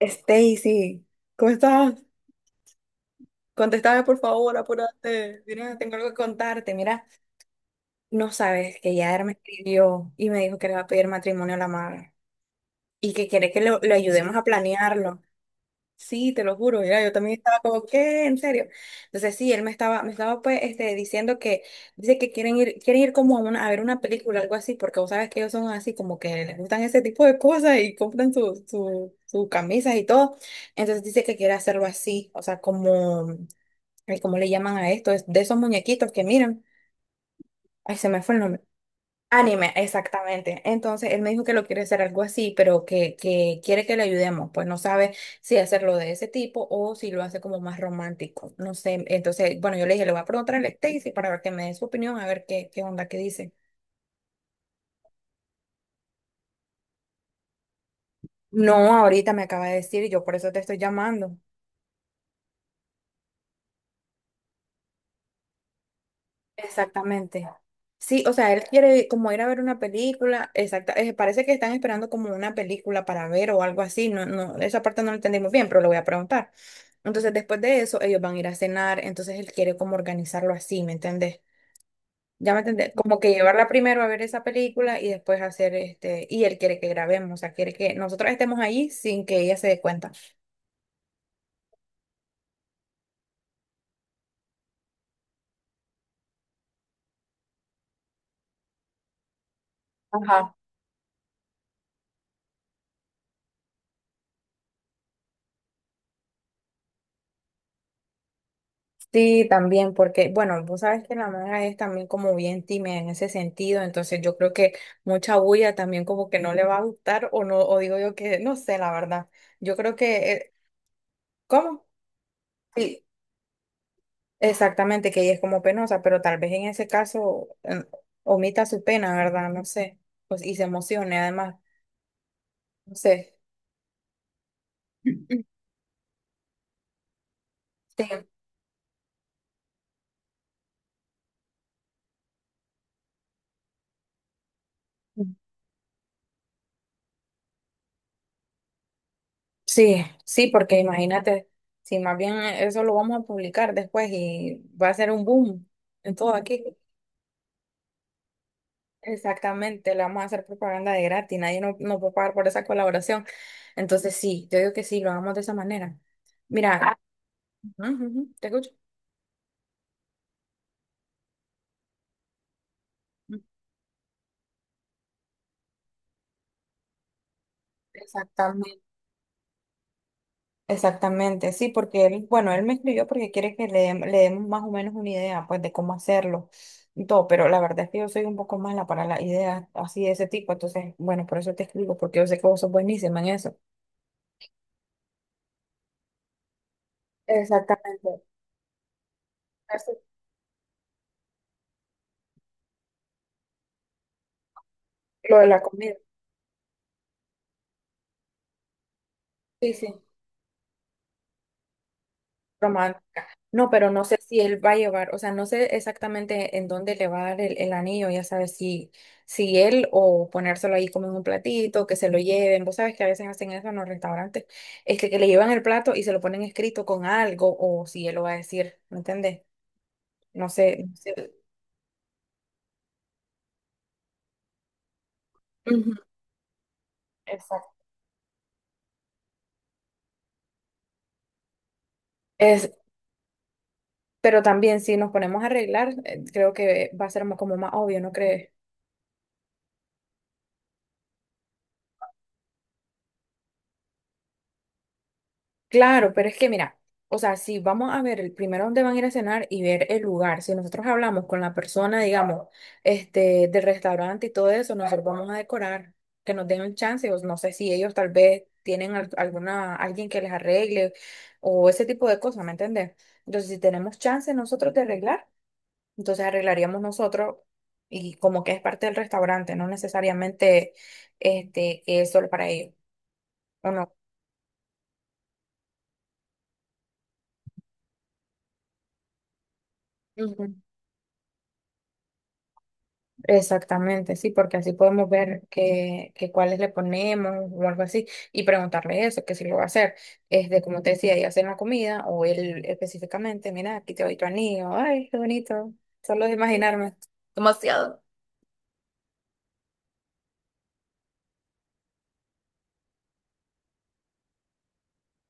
Stacy, ¿cómo estás? Contéstame, por favor, apúrate. Mira, tengo algo que contarte. Mira, no sabes que Yader me escribió y me dijo que le va a pedir matrimonio a la madre y que quiere que lo ayudemos a planearlo. Sí, te lo juro, mira, yo también estaba como, ¿qué? ¿En serio? Entonces sí, me estaba pues diciendo que, dice que quieren ir como a, a ver una película, algo así, porque vos sabes que ellos son así, como que les gustan ese tipo de cosas y compran su camisas y todo. Entonces dice que quiere hacerlo así, o sea, como, ay, ¿cómo le llaman a esto? Es de esos muñequitos que miran. Ay, se me fue el nombre. Anime, exactamente. Entonces él me dijo que lo quiere hacer algo así, pero que quiere que le ayudemos. Pues no sabe si hacerlo de ese tipo o si lo hace como más romántico. No sé. Entonces, bueno, yo le dije, le voy a preguntar a Stacy para ver que me dé su opinión, a ver qué onda, qué dice. No, ahorita me acaba de decir y yo por eso te estoy llamando. Exactamente. Sí, o sea, él quiere como ir a ver una película, exacta, parece que están esperando como una película para ver o algo así, esa parte no la entendimos bien, pero lo voy a preguntar. Entonces, después de eso, ellos van a ir a cenar, entonces él quiere como organizarlo así, ¿me entendés? Ya me entendés, como que llevarla primero a ver esa película y después hacer y él quiere que grabemos, o sea, quiere que nosotros estemos ahí sin que ella se dé cuenta. Ajá. Sí, también, porque, bueno, vos sabes que la maga es también como bien tímida en ese sentido, entonces yo creo que mucha bulla también como que no le va a gustar o no, o digo yo que, no sé, la verdad. Yo creo que, ¿cómo? Sí, exactamente, que ella es como penosa, pero tal vez en ese caso omita su pena, ¿verdad? No sé, pues, y se emocione además, no sé. Sí. Sí, sí, porque imagínate, si más bien eso lo vamos a publicar después y va a ser un boom en todo aquí. Exactamente, le vamos a hacer propaganda de gratis, nadie no, no puede pagar por esa colaboración. Entonces sí, yo digo que sí, lo hagamos de esa manera. Mira, ujú, ujú, te escucho. Exactamente, exactamente, sí, porque él, bueno, él me escribió porque quiere que le, le demos más o menos una idea, pues, de cómo hacerlo y todo, pero la verdad es que yo soy un poco mala para las ideas así de ese tipo, entonces, bueno, por eso te escribo, porque yo sé que vos sos buenísima en eso. Exactamente, eso, lo de la comida. Sí, sí. Romántica. No, pero no sé si él va a llevar, o sea, no sé exactamente en dónde le va a dar el anillo, ya sabes, si, si él o ponérselo ahí como en un platito, que se lo lleven. Vos sabes que a veces hacen eso en los restaurantes, que le llevan el plato y se lo ponen escrito con algo, o si él lo va a decir, ¿me entendés? No sé, no sé. Ujú. Exacto. Es, pero también si nos ponemos a arreglar, creo que va a ser como más obvio, ¿no crees? Claro, pero es que mira, o sea, si vamos a ver el primero dónde van a ir a cenar y ver el lugar, si nosotros hablamos con la persona, digamos, del restaurante y todo eso, nosotros vamos a decorar, que nos den un chance, o no sé si ellos tal vez tienen alguna, alguien que les arregle o ese tipo de cosas, ¿me entiendes? Entonces, si tenemos chance nosotros de arreglar, entonces arreglaríamos nosotros y como que es parte del restaurante, no necesariamente que es solo para ellos, ¿o no? Exactamente, sí, porque así podemos ver que cuáles le ponemos o algo así y preguntarle eso, que si lo va a hacer, es de como te decía, ella hacer la comida o él específicamente, mira, aquí te doy tu anillo, ay, qué bonito, solo de imaginarme. Demasiado.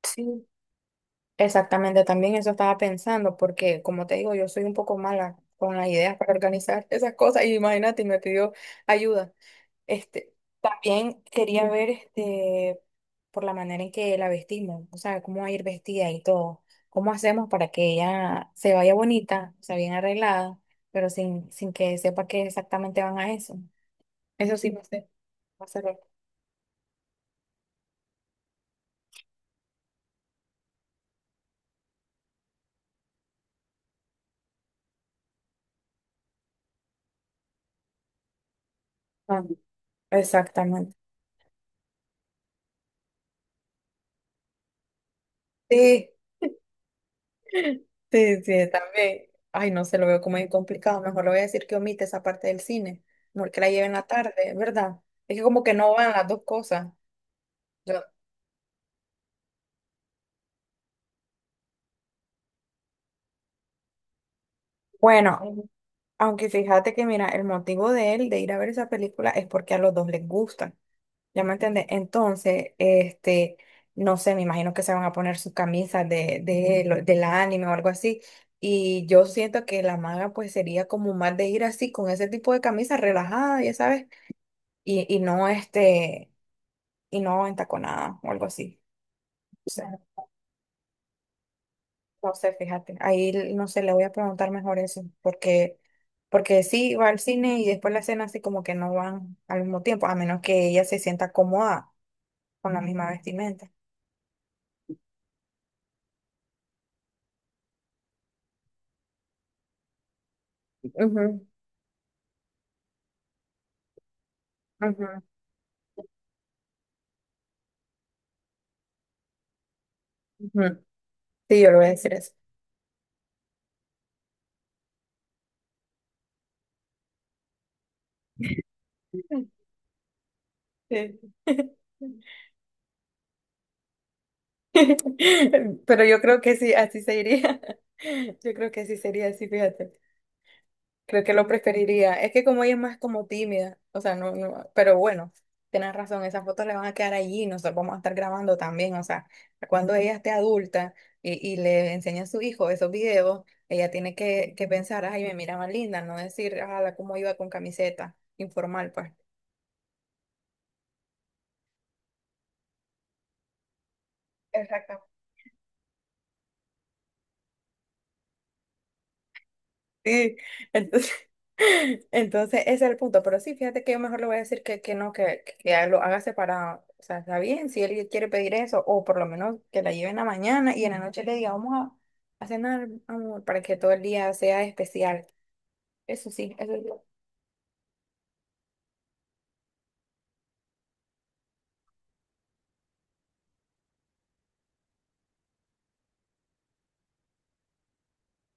Sí, exactamente, también eso estaba pensando, porque como te digo, yo soy un poco mala con las ideas para organizar esas cosas y imagínate, y me pidió ayuda. Este, también quería ver por la manera en que la vestimos, o sea, cómo va a ir vestida y todo. ¿Cómo hacemos para que ella se vaya bonita, o sea, bien arreglada, pero sin que sepa que exactamente van a eso? Eso sí, no sé. Va a ser lo- Ah, exactamente. Sí, sí, sí, también. Ay, no se lo veo como muy complicado. Mejor le voy a decir que omite esa parte del cine. Mejor que la lleve en la tarde, ¿verdad? Es que como que no van las dos cosas. Yo- Bueno. Aunque fíjate que, mira, el motivo de él de ir a ver esa película es porque a los dos les gustan. ¿Ya me entiendes? Entonces, no sé, me imagino que se van a poner sus camisas del anime o algo así. Y yo siento que la maga, pues, sería como más de ir así, con ese tipo de camisa relajada, ya sabes, y no y no entaconada o algo así. No sé, fíjate, ahí l- no sé, le voy a preguntar mejor eso, porque, porque sí va al cine y después la cena así como que no van al mismo tiempo, a menos que ella se sienta cómoda con la misma vestimenta. Ujú, ujú, ujú. Sí, yo le voy a decir eso. Sí. Pero yo creo que sí, así se iría. Yo creo que sí sería así, fíjate. Creo que lo preferiría. Es que como ella es más como tímida, o sea, no, no, pero bueno, tienes razón, esas fotos le van a quedar allí, nosotros vamos a estar grabando también, o sea, cuando ella esté adulta y le enseña a su hijo esos videos, ella tiene que pensar, ay, me mira más linda, no decir, ala, cómo iba con camiseta informal, pues. Exactamente. Sí, entonces, entonces ese es el punto. Pero sí, fíjate que yo mejor le voy a decir que no, que lo haga separado. O sea, está bien si él quiere pedir eso, o por lo menos que la lleve en la mañana y en la noche le diga, vamos a cenar, amor, para que todo el día sea especial. Eso sí, eso sí.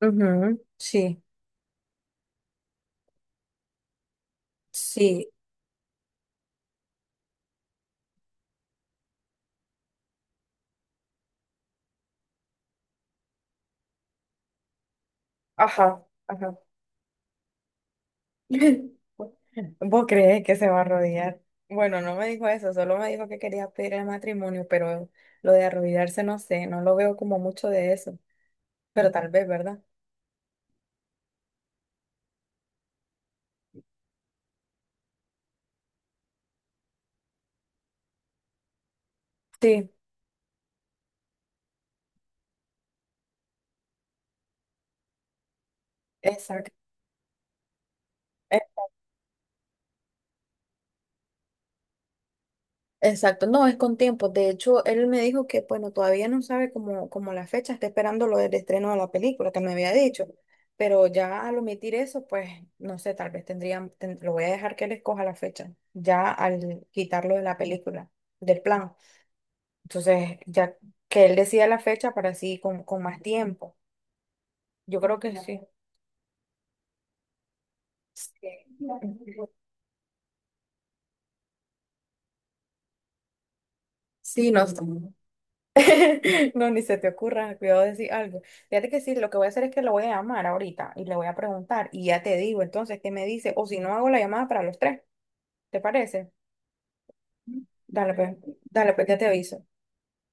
Ujú, sí, sí, ajá, ajá. ¿Vos crees que se va a arrodillar? Bueno, no me dijo eso, solo me dijo que quería pedir el matrimonio, pero lo de arrodillarse no sé, no lo veo como mucho de eso. Pero tal vez, ¿verdad? Sí, exacto. eh, Exacto, no, es con tiempo. De hecho, él me dijo que, bueno, todavía no sabe cómo, cómo la fecha, está esperando lo del estreno de la película que me había dicho. Pero ya al omitir eso, pues, no sé, tal vez tendría, ten- lo voy a dejar que él escoja la fecha, ya al quitarlo de la película, del plan. Entonces, ya que él decida la fecha para así con más tiempo. Yo creo que sí. Sí, sí, no. No, ni se te ocurra, cuidado de decir algo. Fíjate que sí, lo que voy a hacer es que lo voy a llamar ahorita y le voy a preguntar y ya te digo entonces qué me dice o si no hago la llamada para los tres, ¿te parece? Dale, pues, dale, pues ya te aviso.